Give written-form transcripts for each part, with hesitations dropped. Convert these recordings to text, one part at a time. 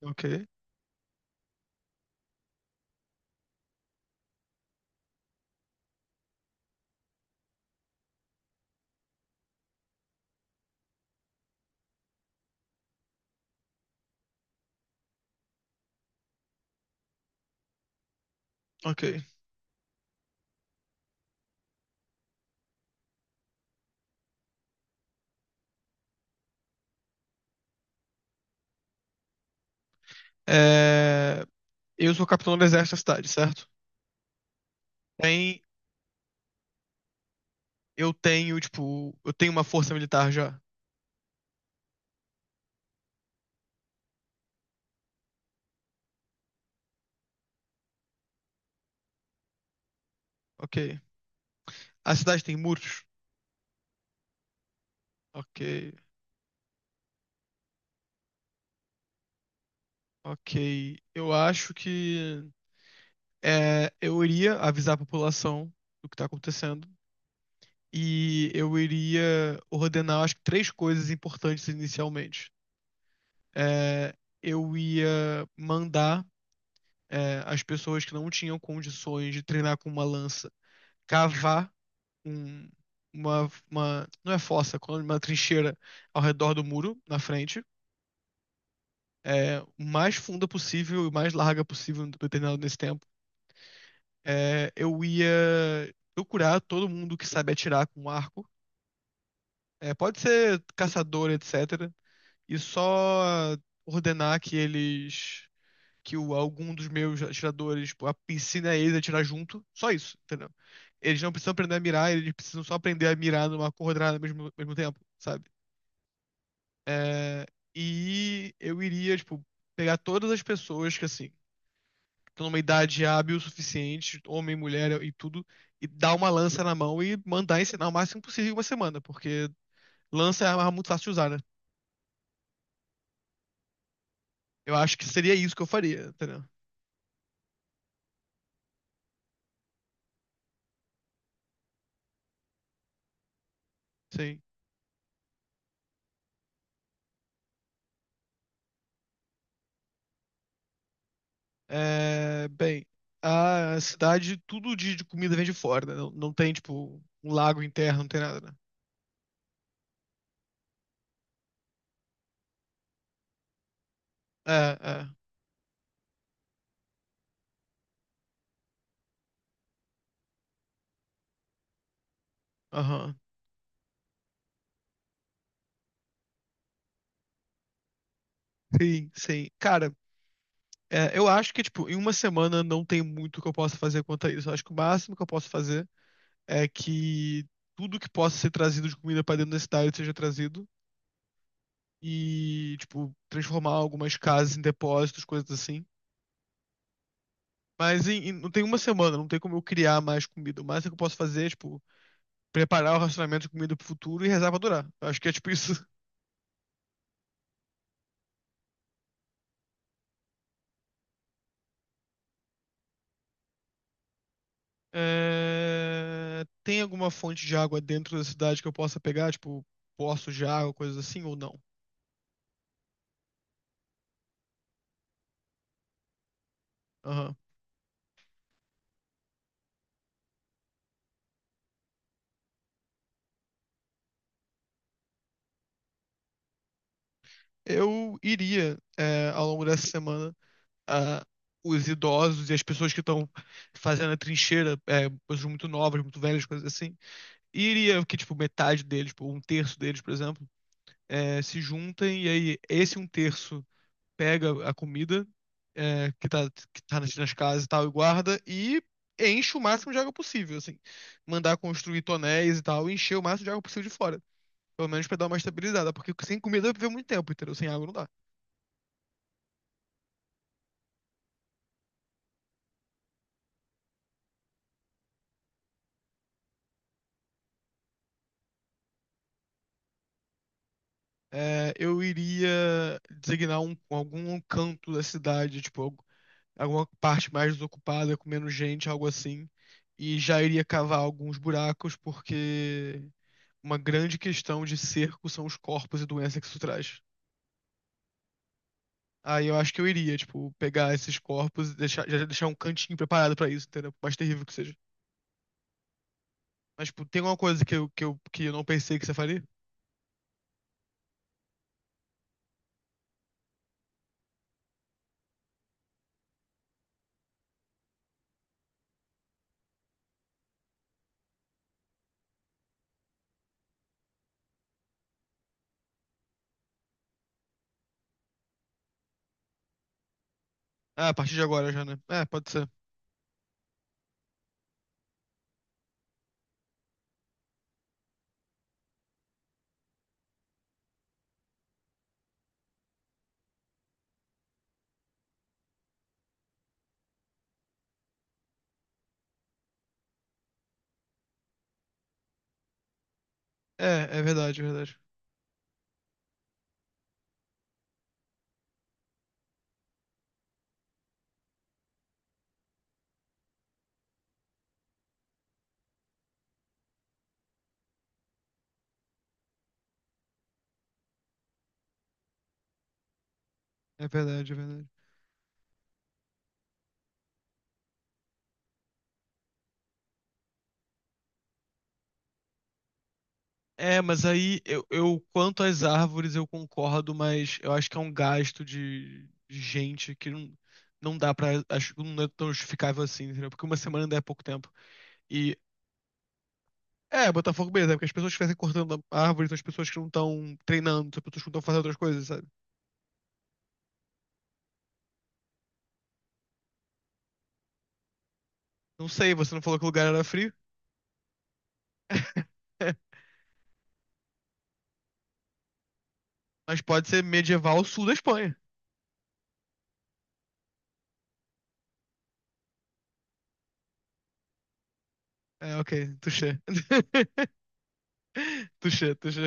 Ok, ok. É, Eu sou capitão do exército da cidade, certo? Tem... Eu tenho, tipo, eu tenho uma força militar já. Ok. A cidade tem muros? Ok, ok. Eu acho que eu iria avisar a população do que tá acontecendo. E eu iria ordenar, acho que, três coisas importantes inicialmente. É, eu ia mandar as pessoas que não tinham condições de treinar com uma lança cavar um- não é fossa, quando uma trincheira ao redor do muro, na frente, o mais funda possível e o mais larga possível no determinado nesse tempo. Eu ia procurar todo mundo que sabe atirar com um arco, pode ser caçador, etc., e só ordenar que eles, que o, algum dos meus atiradores, tipo, a piscina é eles atirar junto, só isso, entendeu? Eles não precisam aprender a mirar, eles precisam só aprender a mirar numa coordenada ao mesmo tempo, sabe? É, e eu iria, tipo, pegar todas as pessoas que, assim, estão numa idade hábil o suficiente, homem, mulher e tudo, e dar uma lança na mão e mandar ensinar o máximo possível em uma semana, porque lança é uma arma muito fácil de usar, né? Eu acho que seria isso que eu faria, entendeu? Sim. Bem, a cidade, tudo de comida vem de fora, né? Não, não tem, tipo, um lago interno, não tem nada, né? É, é. Aham. Sim, sim. Cara, eu acho que, tipo, em uma semana não tem muito que eu possa fazer quanto a isso. Eu acho que o máximo que eu posso fazer é que tudo que possa ser trazido de comida pra dentro da cidade seja trazido. E, tipo, transformar algumas casas em depósitos, coisas assim. Mas não tem uma semana, não tem como eu criar mais comida. O máximo que eu posso fazer é, tipo, preparar o racionamento de comida pro futuro e rezar pra durar. Eu acho que é tipo isso. Tem alguma fonte de água dentro da cidade que eu possa pegar, tipo, poços de água, coisas assim, ou não? Aham. Eu iria, ao longo dessa semana, a os idosos e as pessoas que estão fazendo a trincheira, pessoas muito novas, muito velhas, coisas assim, e iria que, tipo, metade deles, tipo, um terço deles, por exemplo, se juntem, e aí esse um terço pega a comida que tá nas casas e tal e guarda e enche o máximo de água possível, assim. Mandar construir tonéis e tal, e encher o máximo de água possível de fora. Pelo menos pra dar uma estabilizada, porque sem comida vai viver muito tempo, entendeu? Sem água não dá. Eu iria designar algum canto da cidade, tipo, alguma parte mais desocupada, com menos gente, algo assim. E já iria cavar alguns buracos, porque uma grande questão de cerco são os corpos e doença que isso traz. Aí eu acho que eu iria, tipo, pegar esses corpos e deixar, já deixar um cantinho preparado pra isso, entendeu? Por mais terrível que seja. Mas, tipo, tem alguma coisa que eu não pensei que você faria? Ah, a partir de agora já, né? É, pode ser. É, é verdade, é verdade. É verdade, é verdade. Mas aí eu quanto às árvores eu concordo, mas eu acho que é um gasto de gente que não, não dá pra. Acho que não é tão justificável assim, entendeu? Porque uma semana ainda é pouco tempo. E Botafogo beleza, é porque as pessoas que estivessem cortando a árvore são as pessoas que não estão treinando, são as pessoas que não estão fazendo outras coisas, sabe? Não sei, você não falou que o lugar era frio. Mas pode ser medieval sul da Espanha. Ok, touché. Touché, touché.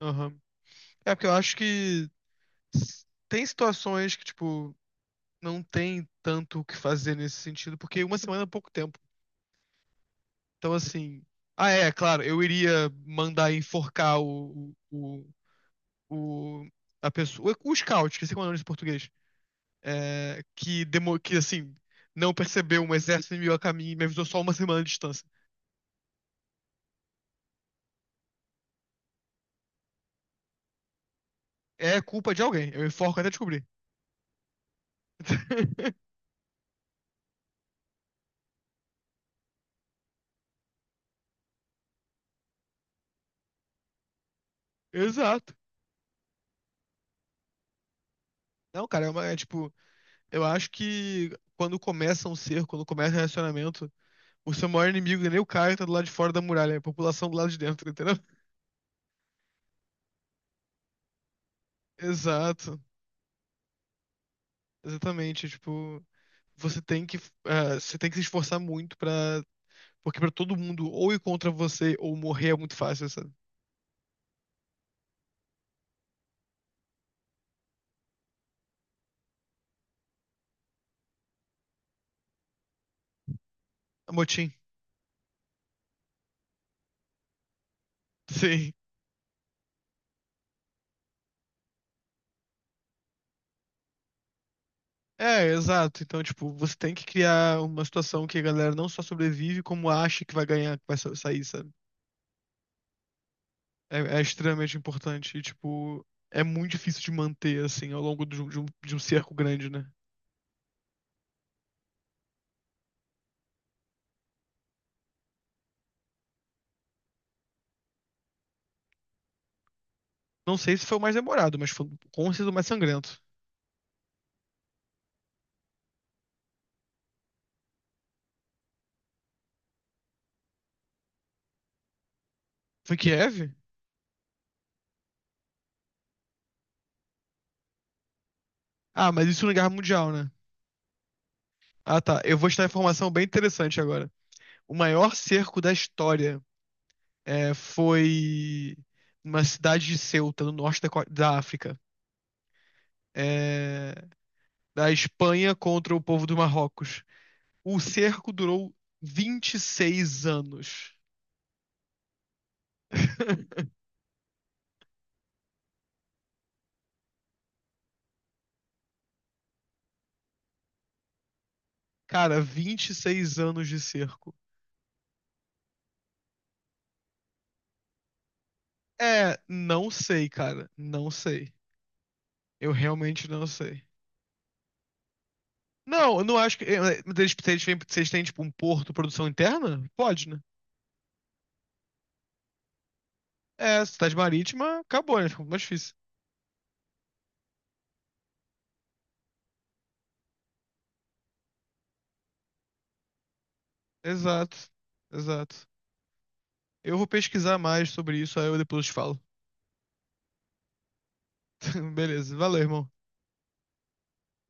Aham. É porque eu acho que tem situações que, tipo, não tem tanto o que fazer nesse sentido, porque uma semana é pouco tempo. Então, assim. Ah, é, claro, eu iria mandar enforcar o, a pessoa. O scout, que sei como é o nome em português. Assim, não percebeu um exército inimigo a caminho e me avisou só uma semana de distância. É culpa de alguém. Eu enforco até descobrir. Exato. Não, cara, é tipo, eu acho que quando começa um cerco, quando começa um relacionamento, o seu maior inimigo, é nem o Caio, tá do lado de fora da muralha. É a população do lado de dentro, entendeu? Exato. Exatamente. Tipo, você tem que, você tem que se esforçar muito pra. Porque pra todo mundo ou ir contra você ou morrer é muito fácil, sabe? Motim. Sim. É, exato. Então, tipo, você tem que criar uma situação que a galera não só sobrevive, como acha que vai ganhar, que vai sair, sabe? É, é extremamente importante. E, tipo, é muito difícil de manter, assim, ao longo de um cerco grande, né? Não sei se foi o mais demorado, mas foi com certeza o mais sangrento. Foi Kiev? Ah, mas isso na Guerra Mundial, né? Ah, tá. Eu vou te dar informação bem interessante agora. O maior cerco da história foi uma cidade de Ceuta, no norte da África. É, da Espanha contra o povo do Marrocos. O cerco durou 26 anos. Cara, 26 anos de cerco. Não sei, cara. Não sei. Eu realmente não sei. Não, eu não acho que. Eh, Eles, se eles, têm- se eles têm, tipo, um porto produção interna? Pode, né? Cidade marítima, acabou, né? Ficou mais difícil. Exato, exato. Eu vou pesquisar mais sobre isso, aí eu depois te falo. Beleza, valeu, irmão.